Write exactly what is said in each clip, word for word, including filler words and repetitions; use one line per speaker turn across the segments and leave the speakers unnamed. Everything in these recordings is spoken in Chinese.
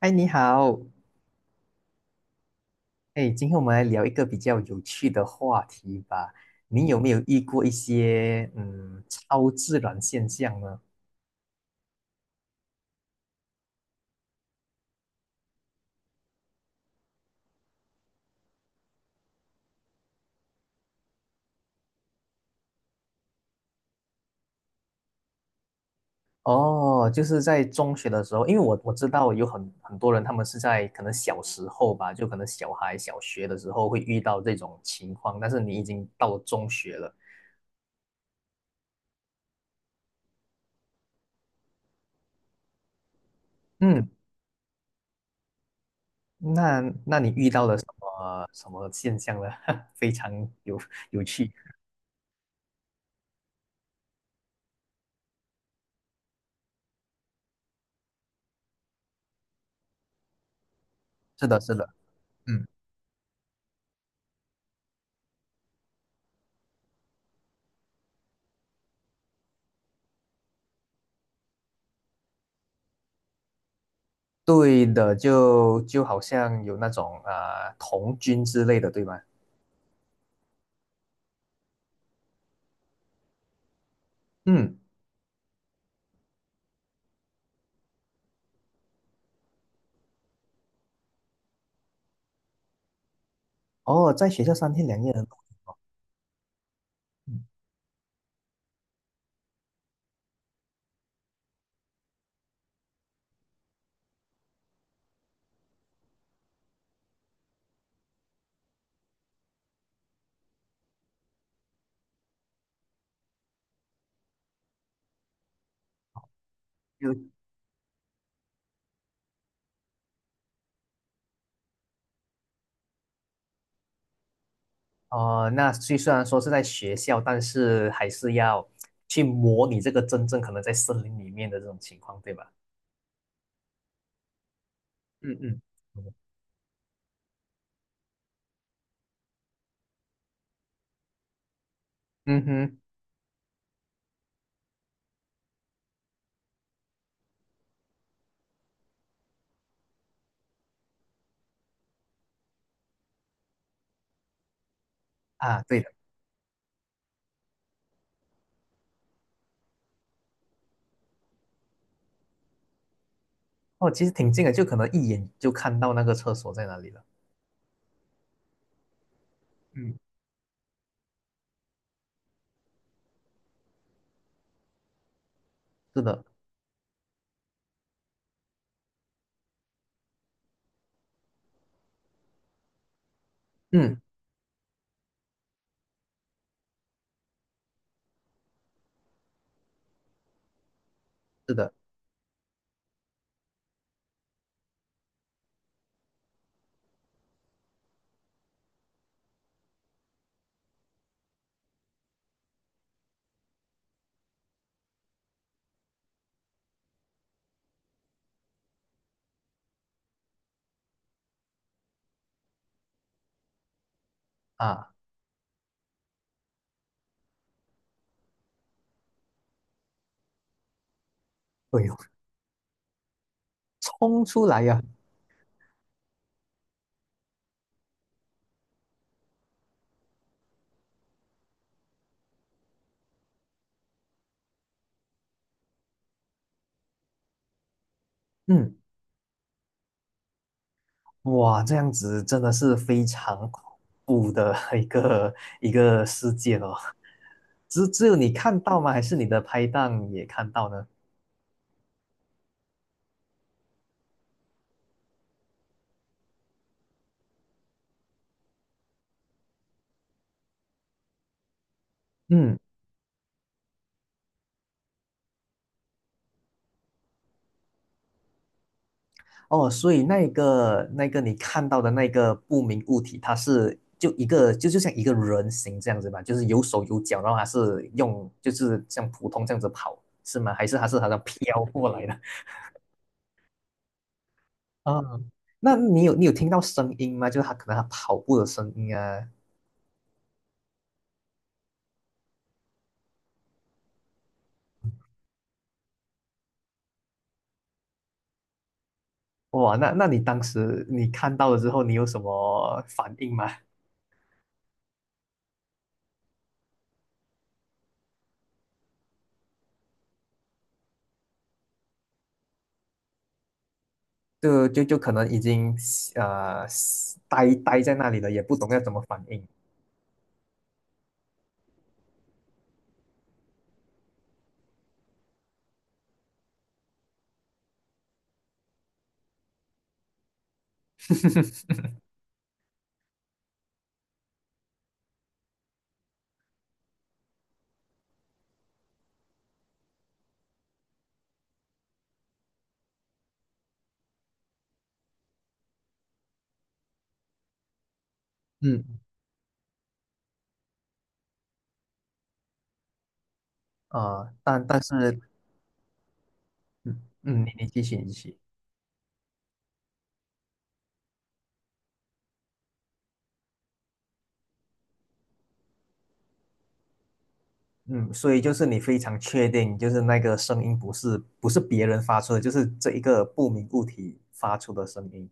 嗨，你好。哎，今天我们来聊一个比较有趣的话题吧。你有没有遇过一些嗯超自然现象呢？哦，就是在中学的时候，因为我我知道有很很多人，他们是在可能小时候吧，就可能小孩小学的时候会遇到这种情况，但是你已经到了中学了。嗯，那那你遇到了什么什么现象呢？非常有有趣。是的，是的，嗯。对的，就就好像有那种啊、呃童军之类的，对吗？嗯。哦，在学校三天两夜的，嗯就呃，那虽虽然说是在学校，但是还是要去模拟这个真正可能在森林里面的这种情况，对吧？嗯嗯。嗯哼。啊，对的。哦，其实挺近的，就可能一眼就看到那个厕所在哪里了。嗯。是的。嗯。是的。啊，对哦，冲出来呀。嗯，哇，这样子真的是非常恐怖的 一个一个事件哦。只只有你看到吗？还是你的拍档也看到呢？嗯。哦，所以那个那个你看到的那个不明物体，它是就一个就就像一个人形这样子吧，就是有手有脚，然后它是用就是像普通这样子跑，是吗？还是它是好像飘过来的？啊，那你有你有听到声音吗？就是它可能它跑步的声音啊。哇，那那你当时你看到了之后，你有什么反应吗？就就就可能已经呃呆呆在那里了，也不懂要怎么反应。嗯。啊，但但是。嗯嗯，你你继续你继续。嗯，所以就是你非常确定，就是那个声音不是不是别人发出的，就是这一个不明物体发出的声音。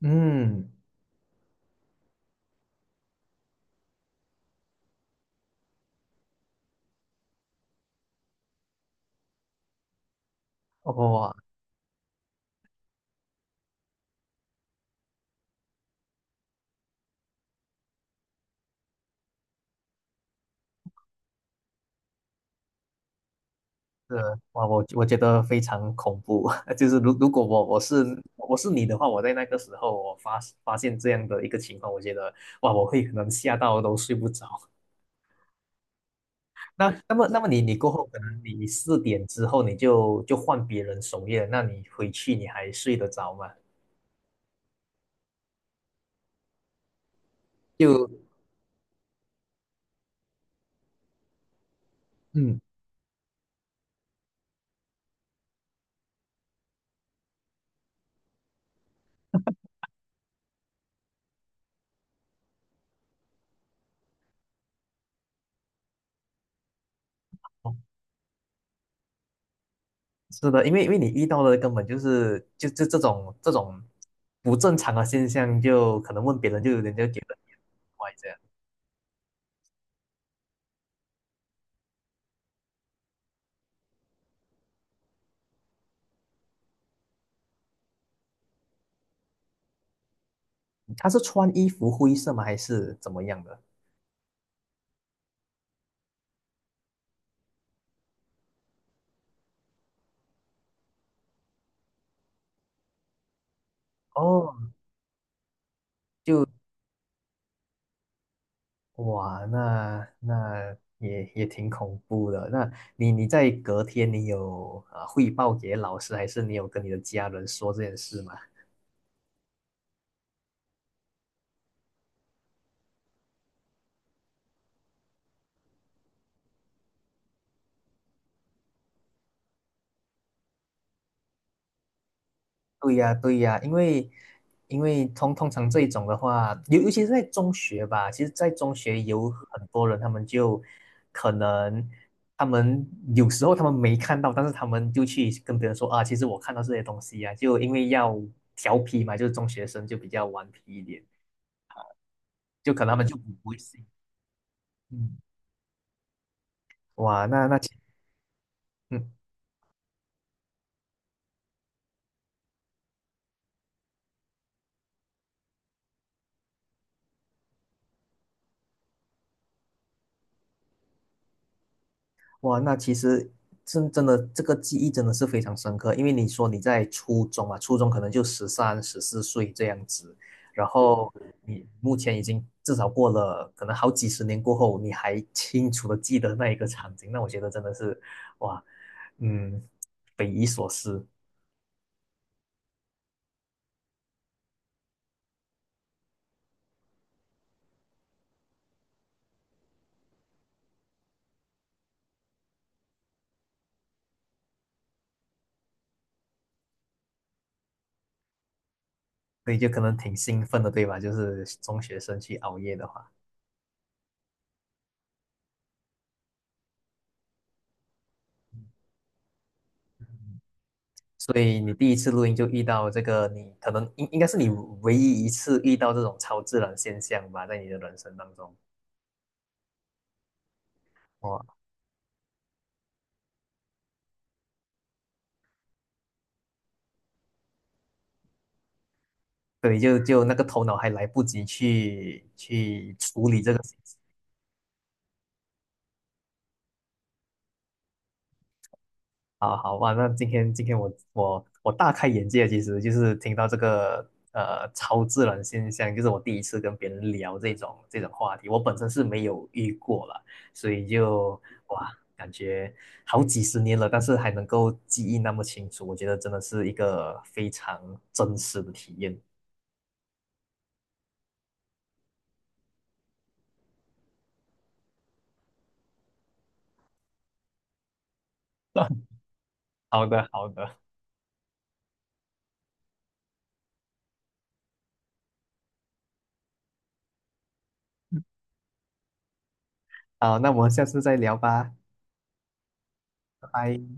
嗯。哇。是。哇，我我觉得非常恐怖。就是如如果我我是我是你的话，我在那个时候我发发现这样的一个情况，我觉得哇，我会可能吓到都睡不着。那那么那么你你过后可能你四点之后你就就换别人守夜了，那你回去你还睡得着吗？就嗯，哦。是的，因为因为你遇到的根本就是就就这种这种不正常的现象，就可能问别人就人家觉得你很怪这样。他是穿衣服灰色吗？还是怎么样的？哦。哇，那那也也挺恐怖的。那你你在隔天你有啊汇报给老师，还是你有跟你的家人说这件事吗？对呀，对呀。因为因为通通常这一种的话，尤尤其是在中学吧，其实在中学有很多人，他们就可能他们有时候他们没看到，但是他们就去跟别人说啊，其实我看到这些东西啊，就因为要调皮嘛，就是中学生就比较顽皮一点，就可能他们就不不会信。嗯，哇，那那其嗯。哇，那其实真真的这个记忆真的是非常深刻，因为你说你在初中啊，初中可能就十三、十四岁这样子，然后你目前已经至少过了可能好几十年过后，你还清楚的记得那一个场景，那我觉得真的是哇，嗯，匪夷所思。所以就可能挺兴奋的，对吧？就是中学生去熬夜的话。所以你第一次录音就遇到这个你，可能应应该是你唯一一次遇到这种超自然现象吧，在你的人生当中。哇。对，就就那个头脑还来不及去去处理这个。好好哇，那今天今天我我我大开眼界，其实就是听到这个呃超自然现象，就是我第一次跟别人聊这种这种话题，我本身是没有遇过了，所以就哇，感觉好几十年了，但是还能够记忆那么清楚，我觉得真的是一个非常真实的体验。好的，好的。好，那我们下次再聊吧。拜拜。